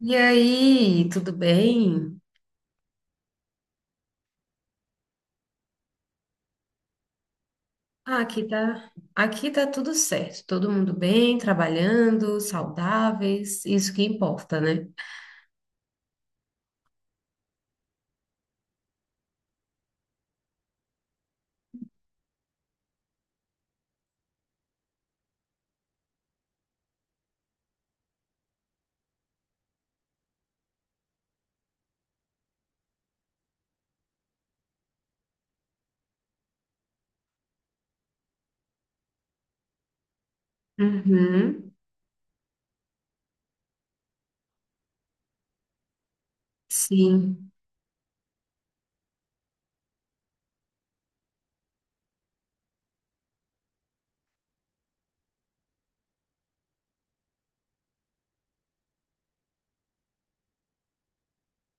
E aí, tudo bem? Ah, aqui tá tudo certo. Todo mundo bem, trabalhando, saudáveis, isso que importa, né? Uhum, sim.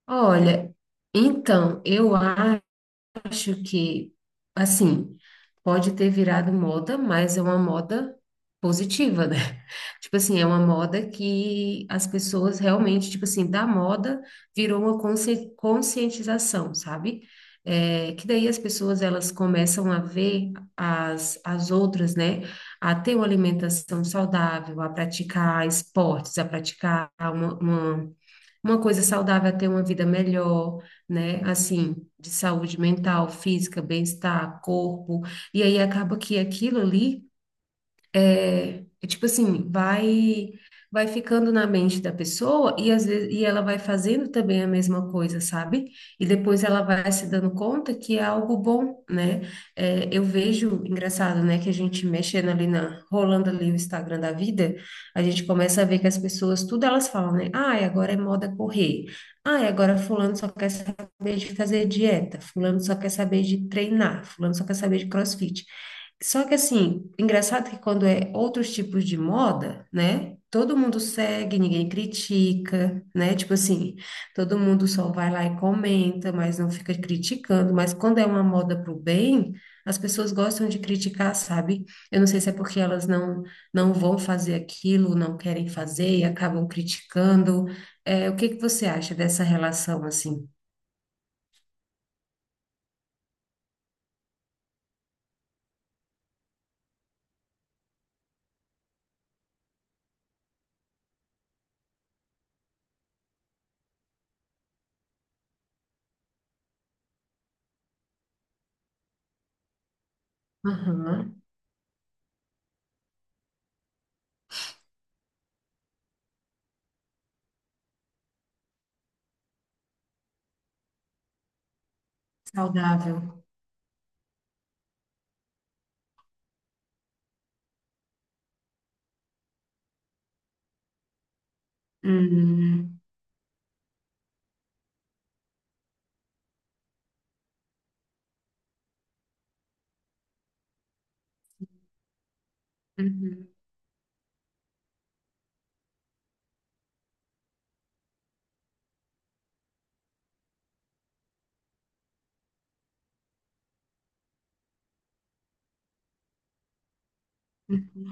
Olha, então, eu acho que, assim, pode ter virado moda, mas é uma moda positiva, né? Tipo assim, é uma moda que as pessoas realmente, tipo assim, da moda virou uma conscientização, sabe? É, que daí as pessoas elas começam a ver as outras, né? A ter uma alimentação saudável, a praticar esportes, a praticar uma coisa saudável é ter uma vida melhor, né? Assim, de saúde mental, física, bem-estar, corpo. E aí acaba que aquilo ali é, é tipo assim, vai ficando na mente da pessoa e às vezes e ela vai fazendo também a mesma coisa, sabe? E depois ela vai se dando conta que é algo bom, né? É, eu vejo, engraçado, né, que a gente mexendo ali na, rolando ali o Instagram da vida, a gente começa a ver que as pessoas, tudo elas falam, né? Ai, agora é moda correr. Ai, agora fulano só quer saber de fazer dieta, fulano só quer saber de treinar, fulano só quer saber de crossfit. Só que assim, engraçado que quando é outros tipos de moda, né? Todo mundo segue, ninguém critica, né? Tipo assim, todo mundo só vai lá e comenta, mas não fica criticando. Mas quando é uma moda pro bem, as pessoas gostam de criticar, sabe? Eu não sei se é porque elas não vão fazer aquilo, não querem fazer e acabam criticando. É, o que que você acha dessa relação assim? Aham. Saudável. Hum, uhum, uhum,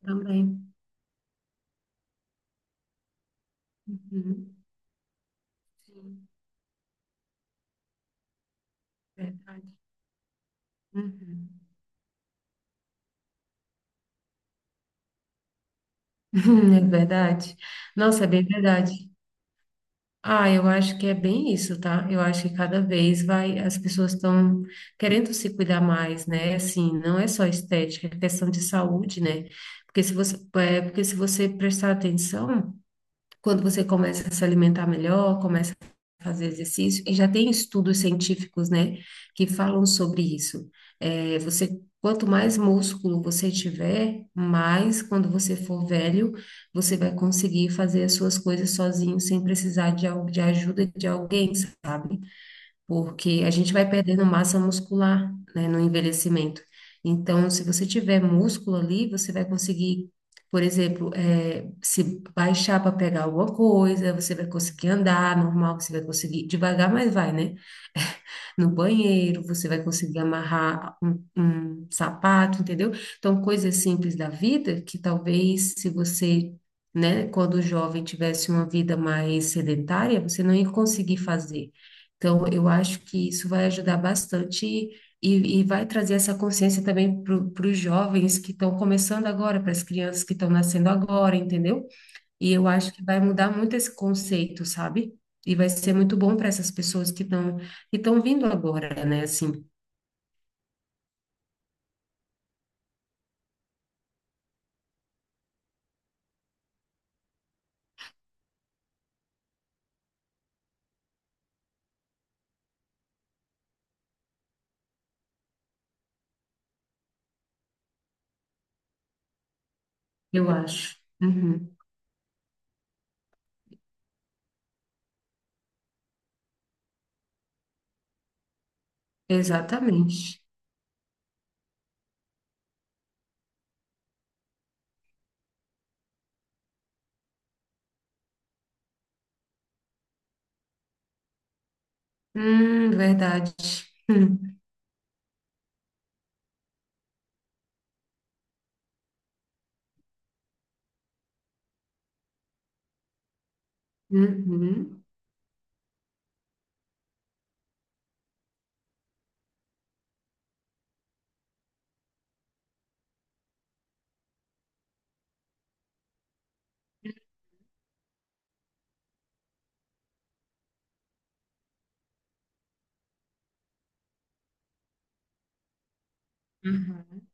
também. Uhum. Sim, verdade. Uhum. É verdade. Nossa, é bem verdade. Ah, eu acho que é bem isso, tá? Eu acho que cada vez vai, as pessoas estão querendo se cuidar mais, né? Assim, não é só estética, é questão de saúde, né? Porque se você, é, porque se você prestar atenção, quando você começa a se alimentar melhor, começa a fazer exercício, e já tem estudos científicos, né, que falam sobre isso. É, você, quanto mais músculo você tiver, mais quando você for velho, você vai conseguir fazer as suas coisas sozinho, sem precisar de, de ajuda de alguém, sabe? Porque a gente vai perdendo massa muscular, né, no envelhecimento. Então, se você tiver músculo ali, você vai conseguir, por exemplo, se baixar para pegar alguma coisa, você vai conseguir andar normal, você vai conseguir devagar, mas vai, né? No banheiro, você vai conseguir amarrar um sapato, entendeu? Então, coisas simples da vida que talvez se você, né, quando jovem tivesse uma vida mais sedentária, você não ia conseguir fazer. Então, eu acho que isso vai ajudar bastante e vai trazer essa consciência também para os jovens que estão começando agora, para as crianças que estão nascendo agora, entendeu? E eu acho que vai mudar muito esse conceito, sabe? E vai ser muito bom para essas pessoas que estão vindo agora, né? Assim, eu acho. Uhum. Exatamente. Verdade. Hum. Uhum. Uhum.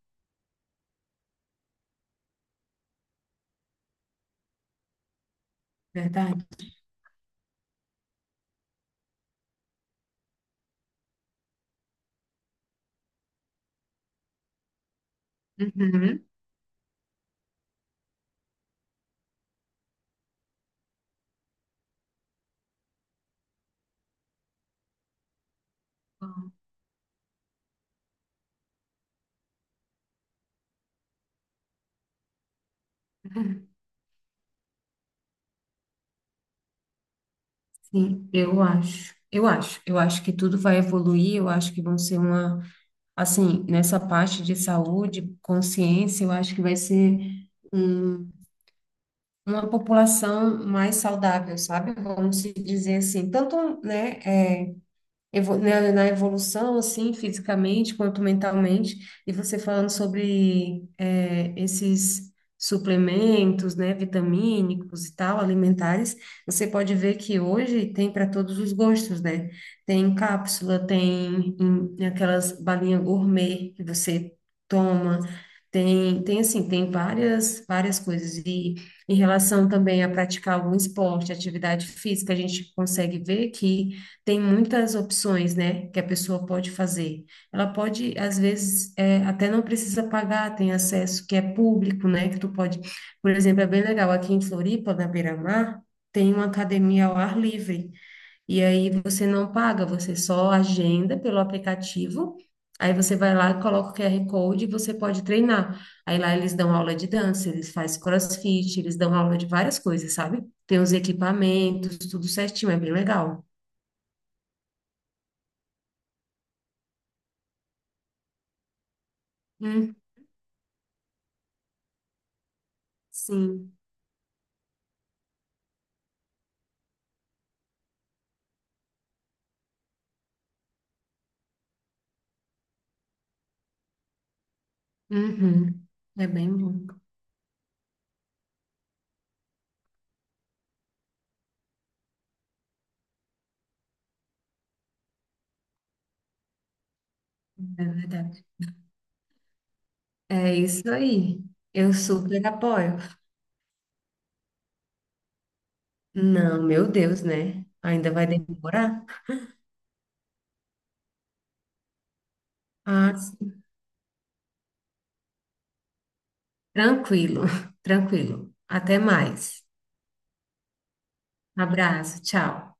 Verdade. Uhum. Sim, eu acho. Eu acho. Eu acho que tudo vai evoluir. Eu acho que vão ser uma, assim, nessa parte de saúde, consciência, eu acho que vai ser um uma população mais saudável, sabe? Vamos se dizer assim, tanto, né, né, na evolução, assim, fisicamente quanto mentalmente, e você falando sobre é, esses suplementos, né, vitamínicos e tal, alimentares, você pode ver que hoje tem para todos os gostos, né? Tem cápsula, tem aquelas balinhas gourmet que você toma, tem, tem assim, tem várias coisas. E em relação também a praticar algum esporte, atividade física, a gente consegue ver que tem muitas opções, né, que a pessoa pode fazer. Ela pode, às vezes, é, até não precisa pagar, tem acesso que é público, né, que tu pode, por exemplo, é bem legal, aqui em Floripa, na Beira-Mar, tem uma academia ao ar livre, e aí você não paga, você só agenda pelo aplicativo, aí você vai lá, coloca o QR Code e você pode treinar. Aí lá eles dão aula de dança, eles fazem crossfit, eles dão aula de várias coisas, sabe? Tem os equipamentos, tudo certinho, é bem legal. Sim. Uhum. É bem bom, é verdade. É isso aí. Eu super apoio. Não, meu Deus, né? Ainda vai demorar? Ah, sim. Tranquilo, tranquilo. Até mais. Abraço, tchau.